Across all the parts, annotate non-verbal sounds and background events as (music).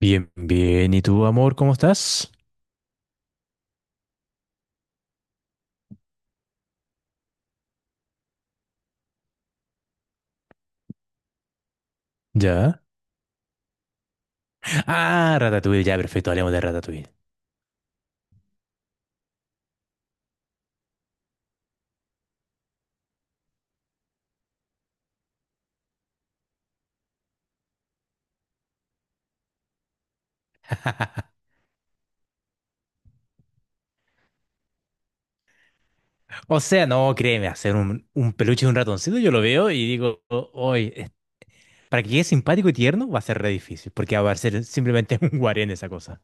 Bien, bien. ¿Y tú, amor, cómo estás? ¿Ya? Ah, Ratatouille, ya, perfecto, hablemos de Ratatouille. O sea, no, créeme, hacer un peluche de un ratoncito, yo lo veo y digo, Oye, para que quede simpático y tierno va a ser re difícil, porque va a ser simplemente (laughs) un guarén esa cosa.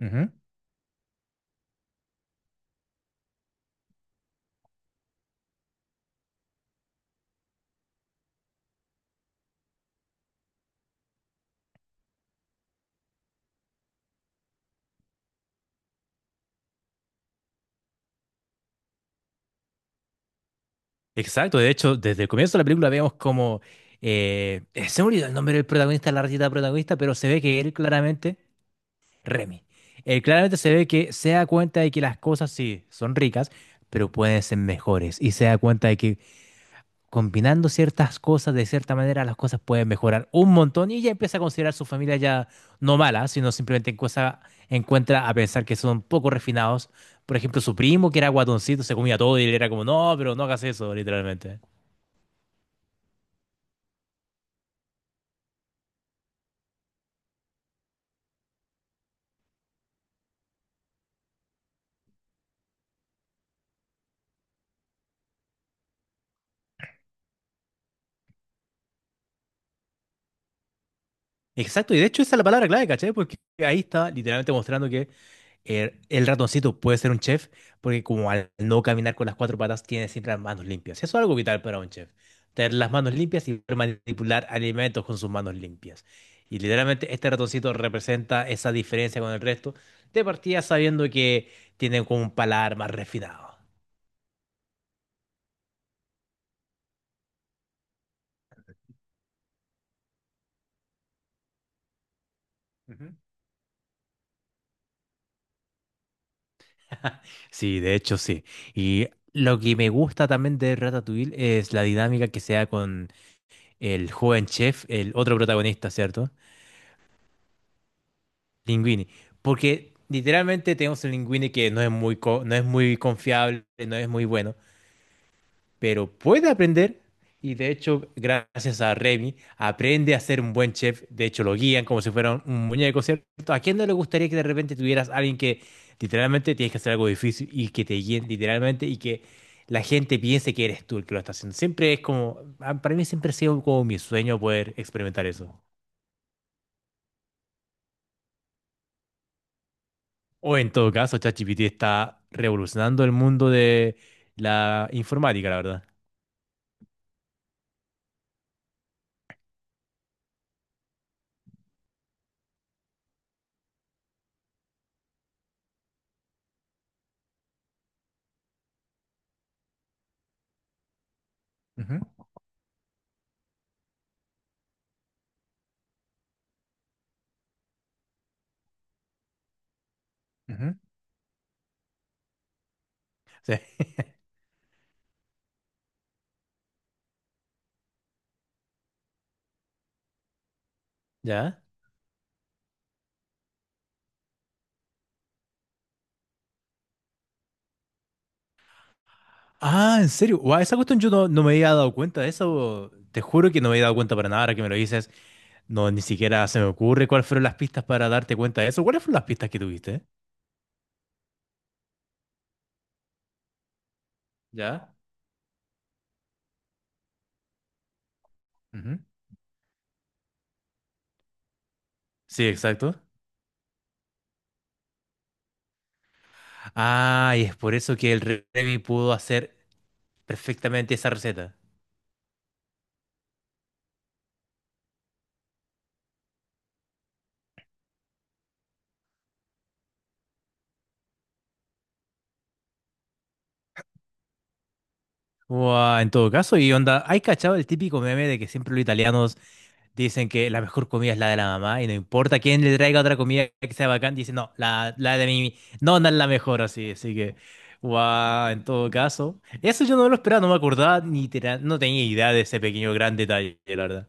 Ujú. Exacto, de hecho, desde el comienzo de la película vemos como... se me olvidó el nombre del protagonista, la ratita protagonista, pero se ve que él claramente... Remy. Claramente se ve que se da cuenta de que las cosas sí son ricas, pero pueden ser mejores. Y se da cuenta de que combinando ciertas cosas de cierta manera, las cosas pueden mejorar un montón. Y ella empieza a considerar su familia ya no mala, sino simplemente encuentra a pensar que son poco refinados. Por ejemplo, su primo, que era guatoncito, se comía todo y él era como, no, pero no hagas eso, literalmente. Exacto, y de hecho esa es la palabra clave, ¿cachai? Porque ahí está literalmente mostrando que el ratoncito puede ser un chef, porque como al no caminar con las cuatro patas, tiene siempre las manos limpias. Eso es algo vital para un chef. Tener las manos limpias y poder manipular alimentos con sus manos limpias. Y literalmente este ratoncito representa esa diferencia con el resto, de partida sabiendo que tienen como un paladar más refinado. Ujú. (laughs) Sí, de hecho sí. Y lo que me gusta también de Ratatouille es la dinámica que se da con el joven chef, el otro protagonista, ¿cierto? Linguini. Porque literalmente tenemos el Linguini que no es muy, no es muy confiable, no es muy bueno, pero puede aprender. Y de hecho, gracias a Remy, aprende a ser un buen chef. De hecho, lo guían como si fuera un muñeco, ¿cierto? ¿A quién no le gustaría que de repente tuvieras a alguien que literalmente tienes que hacer algo difícil y que te guíen literalmente y que la gente piense que eres tú el que lo está haciendo? Siempre es como, para mí siempre ha sido como mi sueño poder experimentar eso. O en todo caso, ChatGPT está revolucionando el mundo de la informática, la verdad. Ujú, ujú. Sí. (laughs) ¿Ya? Ah, ¿en serio? Guau, esa cuestión yo no, no me había dado cuenta de eso. Te juro que no me había dado cuenta para nada. Ahora que me lo dices, no, ni siquiera se me ocurre cuáles fueron las pistas para darte cuenta de eso. ¿Cuáles fueron las pistas que tuviste? ¿Ya? Ujú. Sí, exacto. Ah, y es por eso que el Remy pudo hacer perfectamente esa receta. Guau, en todo caso, y onda, ¿hay cachado el típico meme de que siempre los italianos dicen que la mejor comida es la de la mamá y no importa quién le traiga otra comida que sea bacán, dicen, no, la de mi nona es la mejor, así, así que, wow, en todo caso. Eso yo no lo esperaba, no me acordaba ni no tenía idea de ese pequeño gran detalle, la verdad.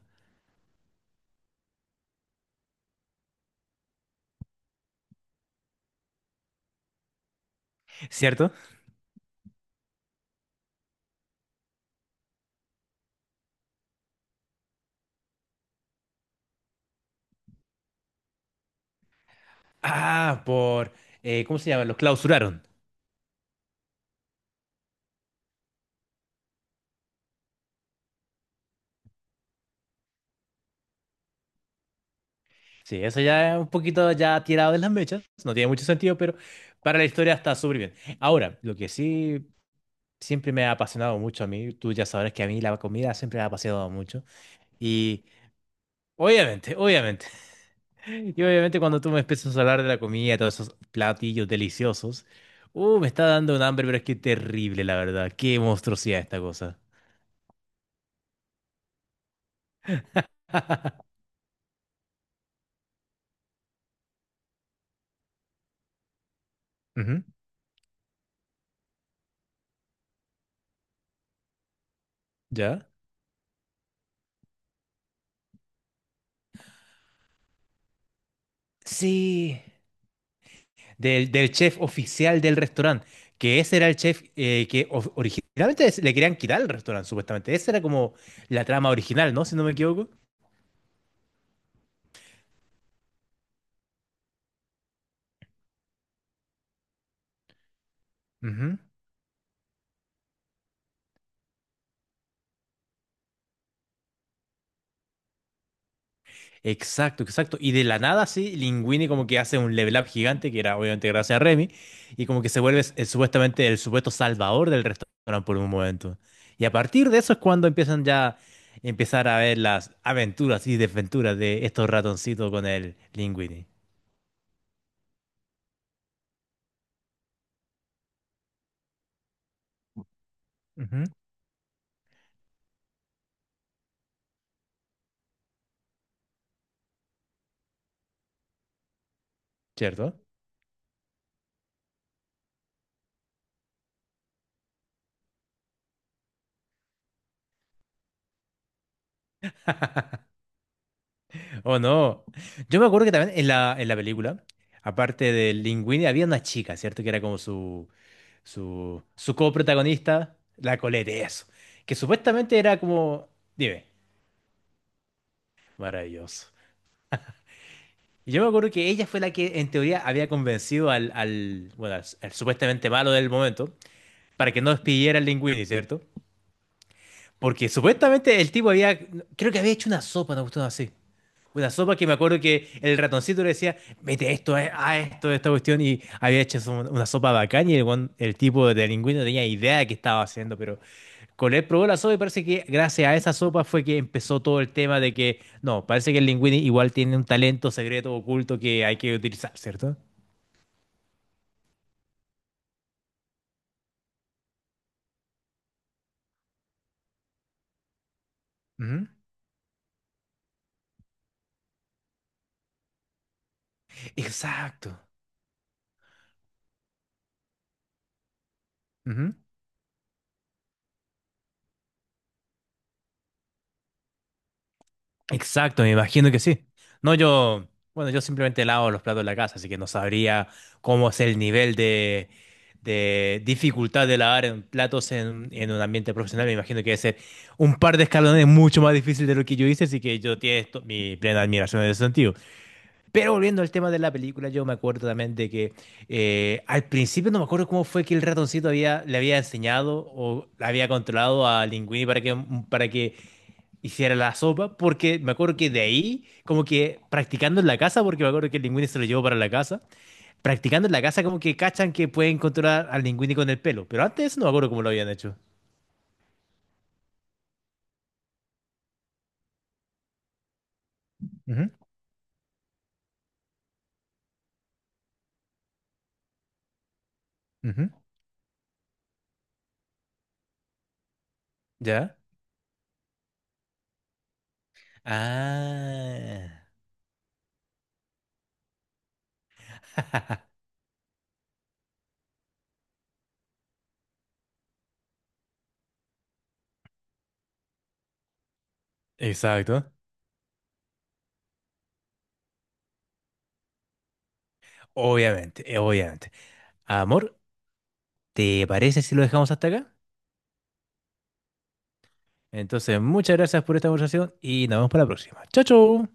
¿Cierto? Ah, por, ¿cómo se llama? Los clausuraron. Sí, eso ya es un poquito ya tirado de las mechas, no tiene mucho sentido, pero para la historia está súper bien. Ahora, lo que sí siempre me ha apasionado mucho a mí, tú ya sabrás que a mí la comida siempre me ha apasionado mucho. Y obviamente, obviamente. (laughs) Y obviamente cuando tú me empiezas a hablar de la comida, todos esos platillos deliciosos, me está dando un hambre, pero es que terrible, la verdad. Qué monstruosidad esta cosa. Ujú, ¿ya? Sí. Del chef oficial del restaurante, que ese era el chef que originalmente le querían quitar el restaurante, supuestamente. Esa era como la trama original, ¿no? Si no me equivoco. Exacto, exacto. Y de la nada, sí, Linguini como que hace un level up gigante, que era obviamente gracias a Remy, y como que se vuelve supuestamente el supuesto salvador del restaurante por un momento. Y a partir de eso es cuando empiezan ya empezar a ver las aventuras y desventuras de estos ratoncitos con el Linguini. Ujú, ¿cierto? Oh, no. Yo me acuerdo que también en en la película, aparte del Linguini, había una chica, ¿cierto? Que era como su su coprotagonista, la Colette, eso. Que supuestamente era como. Dime, maravilloso. Y yo me acuerdo que ella fue la que, en teoría, había convencido bueno, al supuestamente malo del momento para que no despidiera al Linguini, ¿cierto? Porque supuestamente el tipo había. Creo que había hecho una sopa, una cuestión así. Una sopa que me acuerdo que el ratoncito le decía, mete esto, a esto, esta cuestión, y había hecho eso, una sopa bacán y el, el tipo de Linguini no tenía idea de qué estaba haciendo, pero Colette probó la sopa y parece que gracias a esa sopa fue que empezó todo el tema de que, no, parece que el Linguini igual tiene un talento secreto oculto que hay que utilizar, cierto. Ujú. Exacto. Ujú. Exacto, me imagino que sí. No, yo, bueno, yo simplemente lavo los platos de la casa, así que no sabría cómo es el nivel de dificultad de lavar en platos en un ambiente profesional. Me imagino que debe ser un par de escalones mucho más difícil de lo que yo hice, así que yo tiene esto- mi plena admiración en ese sentido. Pero volviendo al tema de la película, yo me acuerdo también de que al principio no me acuerdo cómo fue que el ratoncito había, le había enseñado o le había controlado a Linguini para que hiciera la sopa, porque me acuerdo que de ahí, como que practicando en la casa, porque me acuerdo que el Linguini se lo llevó para la casa, practicando en la casa como que cachan que pueden controlar al Linguini con el pelo, pero antes de eso no me acuerdo cómo lo habían hecho. Ujú, ujú. ¿Ya? Ah, exacto. Obviamente, obviamente. Amor, ¿te parece si lo dejamos hasta acá? Entonces, muchas gracias por esta conversación y nos vemos para la próxima. Chao, chao.